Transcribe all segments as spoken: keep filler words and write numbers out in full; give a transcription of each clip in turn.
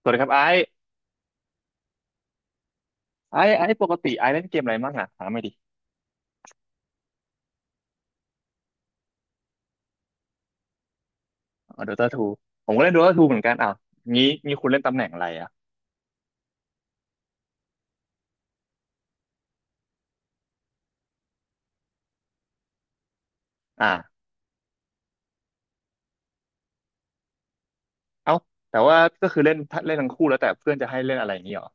สวัสดีครับไอ้ไอ้ไอ้ปกติไอ้เล่นเกมอะไรบ้างอ่ะถามไม่อยดิโดตาทูผมก็เล่นโดตาทูเหมือนกันอ้าวงี้งี้คุณเล่นตำแหน่งอะไรอ่ะอ่าเอ้าแต่ว่าก็คือเล่นถ้าเล่นทั้งคู่แล้วแต่เพื่อนจะให้เล่นอะไรอย่างงี้เหรอ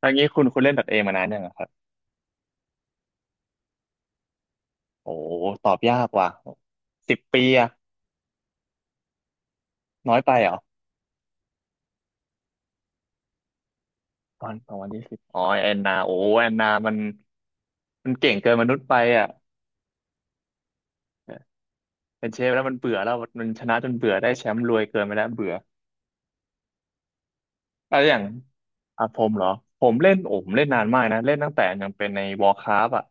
ถ้างี้คุณคุณเล่นดอทเอมานานยังอะครับโอ้ตอบยากว่ะสิบปีอะน้อยไปเหรอตอนตอนวันที่สิบอ๋อแอนนาโอ้แอนนามันมันเก่งเกินมนุษย์ไปอ่ะเป็นเชฟแล้วมันเบื่อแล้วมันชนะจนเบื่อได้แชมป์รวยเกินไปแล้วเบื่อ อะไรอย่างอ่ะผมเหรอผมเล่นโอ้ผมเล่นนานมากนะเล่นตั้งแต่ยังเป็นใน Warcraft อ่ะ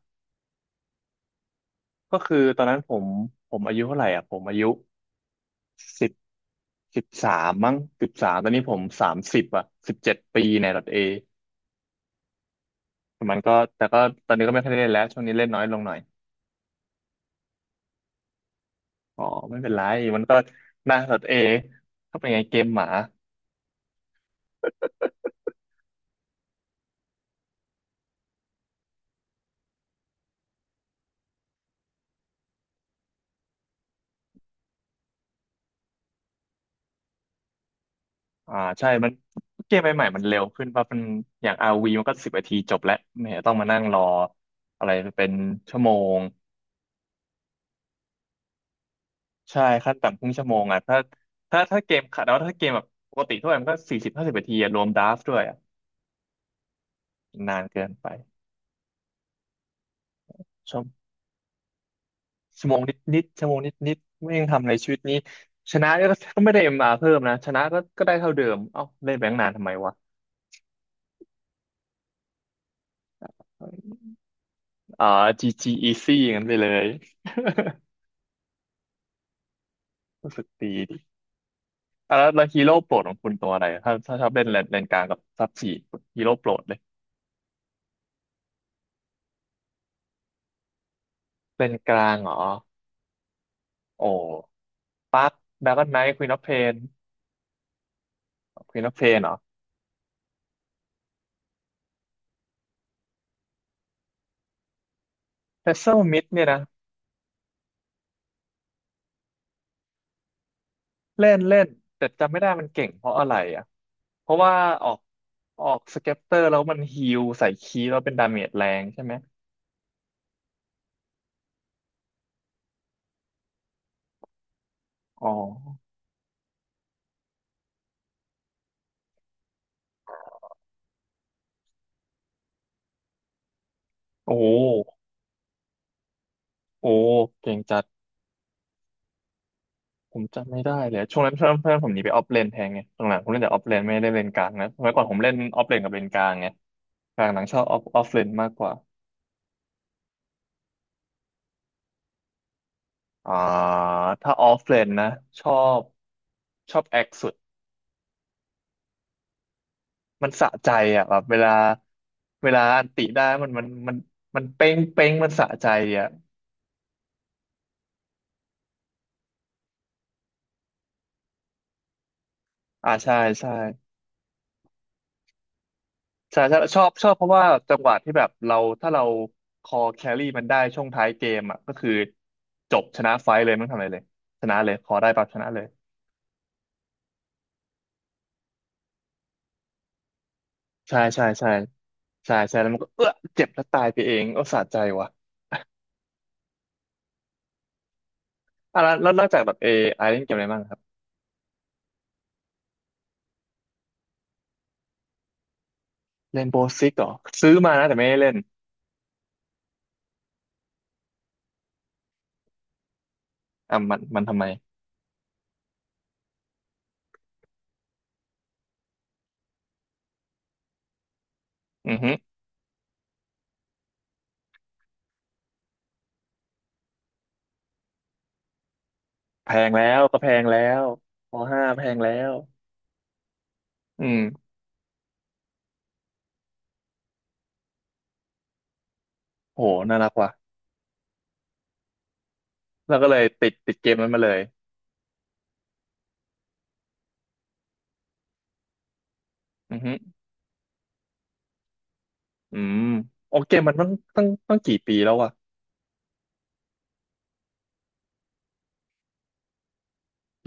ก็คือตอนนั้นผมผมอายุเท่าไหร่อ่ะผมอายุสิบสิบสามมั้งสิบสามตอนนี้ผมสามสิบอ่ะสิบเจ็ดปีในดเอมันก็แต่ก็ตอนนี้ก็ไม่ค่อยได้เล่นแล้วช่วงนี้เล่นน้อยลงหน่อยอ๋อไม่เป็นไรมันก็นะดอทเอก็เป็นไงเกมหมาอ่าใช่มันเกมใหม่ๆมันเร็วขึ้นว่าะมันอย่าง r ีมันก็สิบนาทีจบแล้วไม่เห็นต้องมานั่งรออะไรเป็นชั่วโมง ใช่ขั้นต่ำครึ่งชั่วโมงอ่ะถ้าถ้าถ้าเกมขัดแล้วถ้าเกมแบบปกติทั่วไปมันก็สี่สิบห้าสิบนาทีอะรวมดราฟต์ด้วยอ่ะนานเกินไปชั่วชั่วโมงนิดนิดชั่วโมงนิดนิดไม่ยังทำอะไรชีวิตนี้ชนะก็ก็ไม่ได้เอ็มอาร์เพิ่มนะชนะก็ก็ได้เท่าเดิมเอ้าเล่นแบงค์นานทำไมวะอ่าจีจีอีซี่อย่างนั้นไปเลย รู้สึกดีดีอ่ะแล้วแล้วฮีโร่โปรดของคุณตัวอะไรถ้าถ้าชอบเล่นเลนเลนกลางกับซับสี่ฮีโร่โปรดเลยเลนกลางเหรอโอ้ปักดราก้อนไนท์ควีนออฟเพน ควีนออฟเพนเหรอเพซเซลมิดเนี่ยนะเล่นเล่นแต่จำไม่ได้มันเก่งเพราะอะไรอ่ะเพราะว่าออกออกสเก็ปเตอร์แล้วมันฮีลใส่คีย์แล้วเป็นดาเมจแรงใช่ไหมอ๋อโอ้โหโอ้โหเก่งจัดผมจำไม่ได้เลยช่วงนั้นเพื่อนเพื่อนผมหนีไปออฟเลนแทนไงตรงหลังผมเล่นแต่ออฟเลนไม่ได้เล่นกลางนะสมัยก่อนผมเล่นออฟเลนกับเลนกลางไงกลางหลังชอบออฟออฟเลนมากกว่าอ่าถ้าออฟเลนนะชอบชอบแอคสุด มันสะใจอ่ะแบบเวลาเวลาอันติได้มันมันมันมันเป้งเป้งมันสะใจอ่ะอ่าใช่ใช่ใช่ใช่ชอบชอบเพราะว่าจังหวะที่แบบเราถ้าเราคอแครี่มันได้ช่วงท้ายเกมอ่ะก็คือจบชนะไฟท์เลยไม่ต้องทำอะไรเลยชนะเลยคอได้ปั๊บชนะเลยใช่ใช่ใช่ใช่ใช่แล้วมันก็เออเจ็บแล้วตายไปเองโอ้สะใจว่ะอ่ะแล้วแล้วนอกจากแบบเอไอเล่นเกมอะไรบ้างครับเล่นโบสิกเหรอซื้อมานะแต่ไม่ได้เล่นอ่ะมันมันทำไมอือฮึ แพงแล้วก็แพงแล้วปห้าแพงแล้วอืมโหน่ารักว่ะแล้วก็เลยติดติดเกมนั้นมาเลยอือฮึอืมโอเกมมันต้องต้องต้องกี่ปีแล้ววะ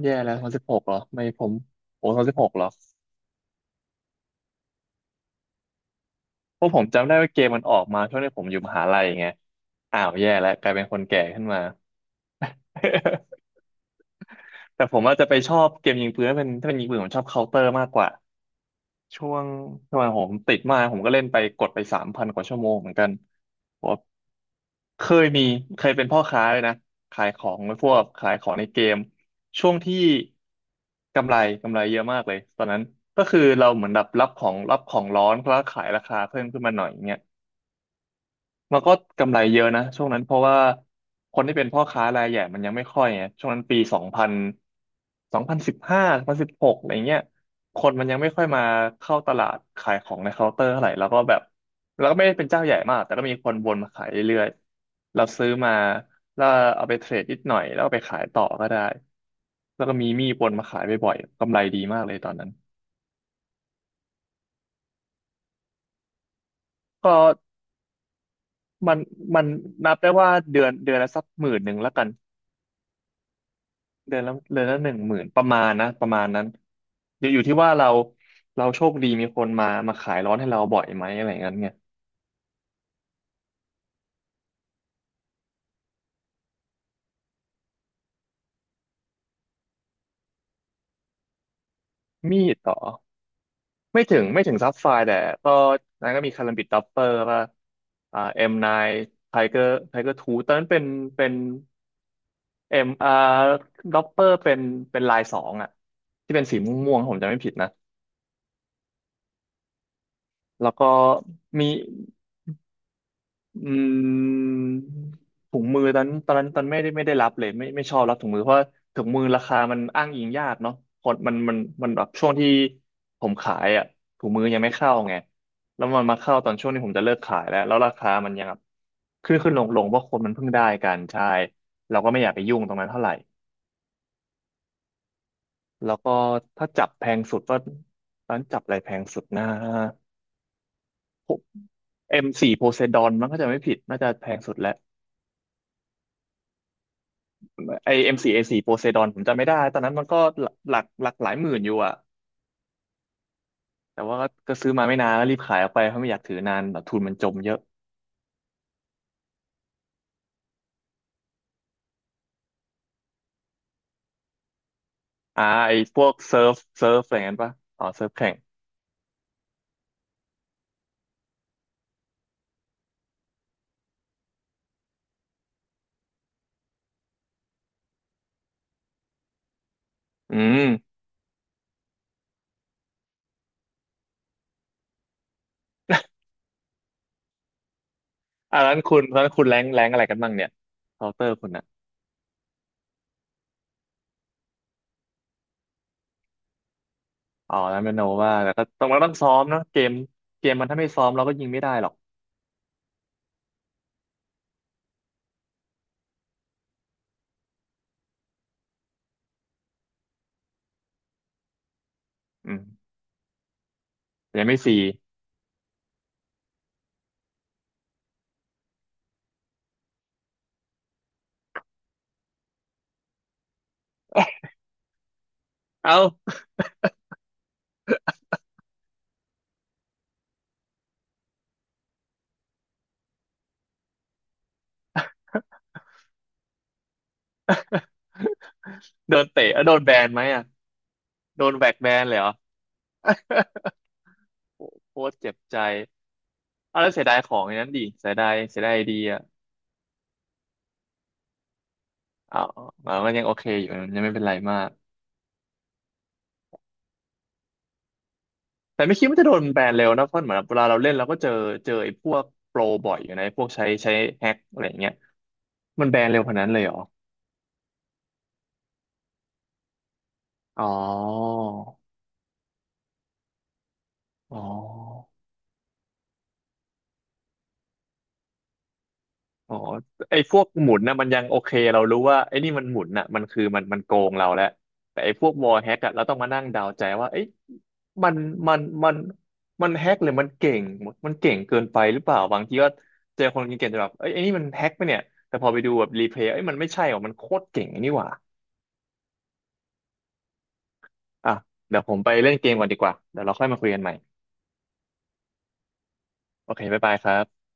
แย่แล้วสองสิบหกเหรอไม่ผมโอ้สองสิบหกเหรอเพราะผมจำได้ว่าเกมมันออกมาช่วงที่ผมอยู่มหาลัยไงอ้าวแย่แล้วกลายเป็นคนแก่ขึ้นมา แต่ผมอาจจะไปชอบเกมยิงปืนถ้าเป็นถ้าเป็นยิงปืนผมชอบเคาน์เตอร์มากกว่า ช่วงช่วงผมติดมากผมก็เล่นไปกดไปสามพันกว่าชั่วโมงเหมือนกันผมเคยมีเคยเป็นพ่อค้าเลยนะขายของพวกขายของในเกมช่วงที่กำไรกำไรเยอะมากเลยตอนนั้นก็คือเราเหมือนแบบรับของรับของร้อนแล้วขายราคาเพิ่มขึ้นมาหน่อยเงี้ย มันก็กำไรเยอะนะช่วงนั้นเพราะว่าคนที่เป็นพ่อค้ารายใหญ่มันยังไม่ค่อยไงช่วงนั้นปีสองพันสองพันสิบห้าสองพันสิบหกอะไรเงี้ยคนมันยังไม่ค่อยมาเข้าตลาดขายของในเคาน์เตอร์เท่าไหร่แล้วก็แบบแล้วก็ไม่ได้เป็นเจ้าใหญ่มากแต่ก็มีคนวนมาขายเรื่อยๆเราซื้อมาแล้วเอาไปเทรดนิดหน่อยแล้วเอาไปขายต่อก็ได้แล้วก็มีมีดวนมาขายบ่อยๆกำไรดีมากเลยตอนนั้นก็มันมันนับได้ว่าเดือนเดือนละสักหมื่นหนึ่งละกัน เดือนละเดือนละหนึ่งหมื่นประมาณนะประมาณนั้นเดี๋ยวอยู่ที่ว่าเราเราโชคดีมีคนมามาขายร้อนให้เราบ่อยไหมอะไรอเงี้ยไงมีดต่อไม่ถึงไม่ถึงซับไฟร์แต่ก็นั้นก็มีคาลัมบิดดัปเปอร์ป่ะอ่าเอ็มไนไทเกอร์ไทเกอร์ทูตอนนั้นเป็นเป็นเอ็มอาร์ดัปเปอร์เป็นเป็นลายสองอ่ะที่เป็นสีม่วงๆผมจำไม่ผิดนะแล้วก็มี อืมถุงมือตอนตอนนั้นตอนไม่ได้ไม่ได้รับเลยไม่ไม่ชอบรับถุงมือเพราะว่าถุงมือราคามันอ้างอิงยากเนาะคนมันมันมันแบบช่วงที่ผมขายอ่ะถุงมือยังไม่เข้าไงแล้วมันมาเข้าตอนช่วงที่ผมจะเลิกขายแล้วแล้วราคามันยังแบบขึ้นขึ้นลงลงเพราะคนมันเพิ่งได้กันใช่เราก็ไม่อยากไปยุ่งตรงนั้นเท่าไหร่แล้วก็ถ้าจับแพงสุดก็ตอนนจับอะไรแพงสุดนะ เอ็มโฟร์ p o s e ซด o นมันก็จะไม่ผิดน่าจะแพงสุดแล้ว ไอเอ็มสี่เอสี่โปเซดอนผมจำไม่ได้ตอนนั้นมันก็หลักหลักหลายหมื่นอยู่อะแต่ว่าก็ซื้อมาไม่นานแล้วรีบขายออกไปเพราะไม่อยากถือนานแบบทุนมันจมเยอะอ่าไอพวกเซิร์ฟเซิร์ฟอะไรงั้นปะอ๋อเซิร์ฟแข่งอืมอ่านั้นคุณตั้นคุณแรงแรงอะไรกันบ้างเนี่ยเคาน์เตอร์คุณอะอ๋อแล้วเป็นโนว่าแต่ก็ต้องเราต้องซ้อมเนาะเกมเกมมันถ้าไม่ซ้อมเราก็ยิงไม่ได้หรอกอืมยังไม่ฟรีเอ้า โดนเตะเอ้าโดนแบนไหมอะโดนแบกแบนเลยเหรอ โคตรเจ็บใจ เอาแล้วเสียดายของอย่างนั้นดิเสียดายเสียดายไอเดียอะเอาเอามันยังโอเคอยู่มันยังไม่เป็นไรมากแต่ไม่คิดว่าจะโดนแบนเร็วนะเพราะเหมือนเวลาเราเล่นเราก็เจอเจอไอ้พวกโปรบ่อยอยู่นะไอ้พวกใช้ใช้แฮ็กอะไรอย่างเงี้ยมันแบนเร็วขนาดนั้นเลยเหรออ๋ออ๋อ อ๋อไอ้พวกหมุนนะมันยังโอเคเรารู้ว่าไอ้นี่มันหมุนน่ะมันคือมันมันโกงเราแล้วแต่ไอ้พวกวอลแฮกอะเราต้องมานั่งเดาใจว่าเอ้ยมันมันมันมันแฮกหรือมันเก่งมันเก่งเกินไปหรือเปล่าบางทีก็เจอคนเก่งๆจะแบบเอ้ยไอ้นี่มันแฮกปะเนี่ยแต่พอไปดูแบบรีเพลย์เอ้ยมันไม่ใช่หรอมันโคตรเก่งไอ้นี่หว่าอ่ะเดี๋ยวผมไปเล่นเกมก่อนดีกว่าเดี๋ยวเราค่อยมาคุยกันใหม่โอเคบ๊ายบายครับ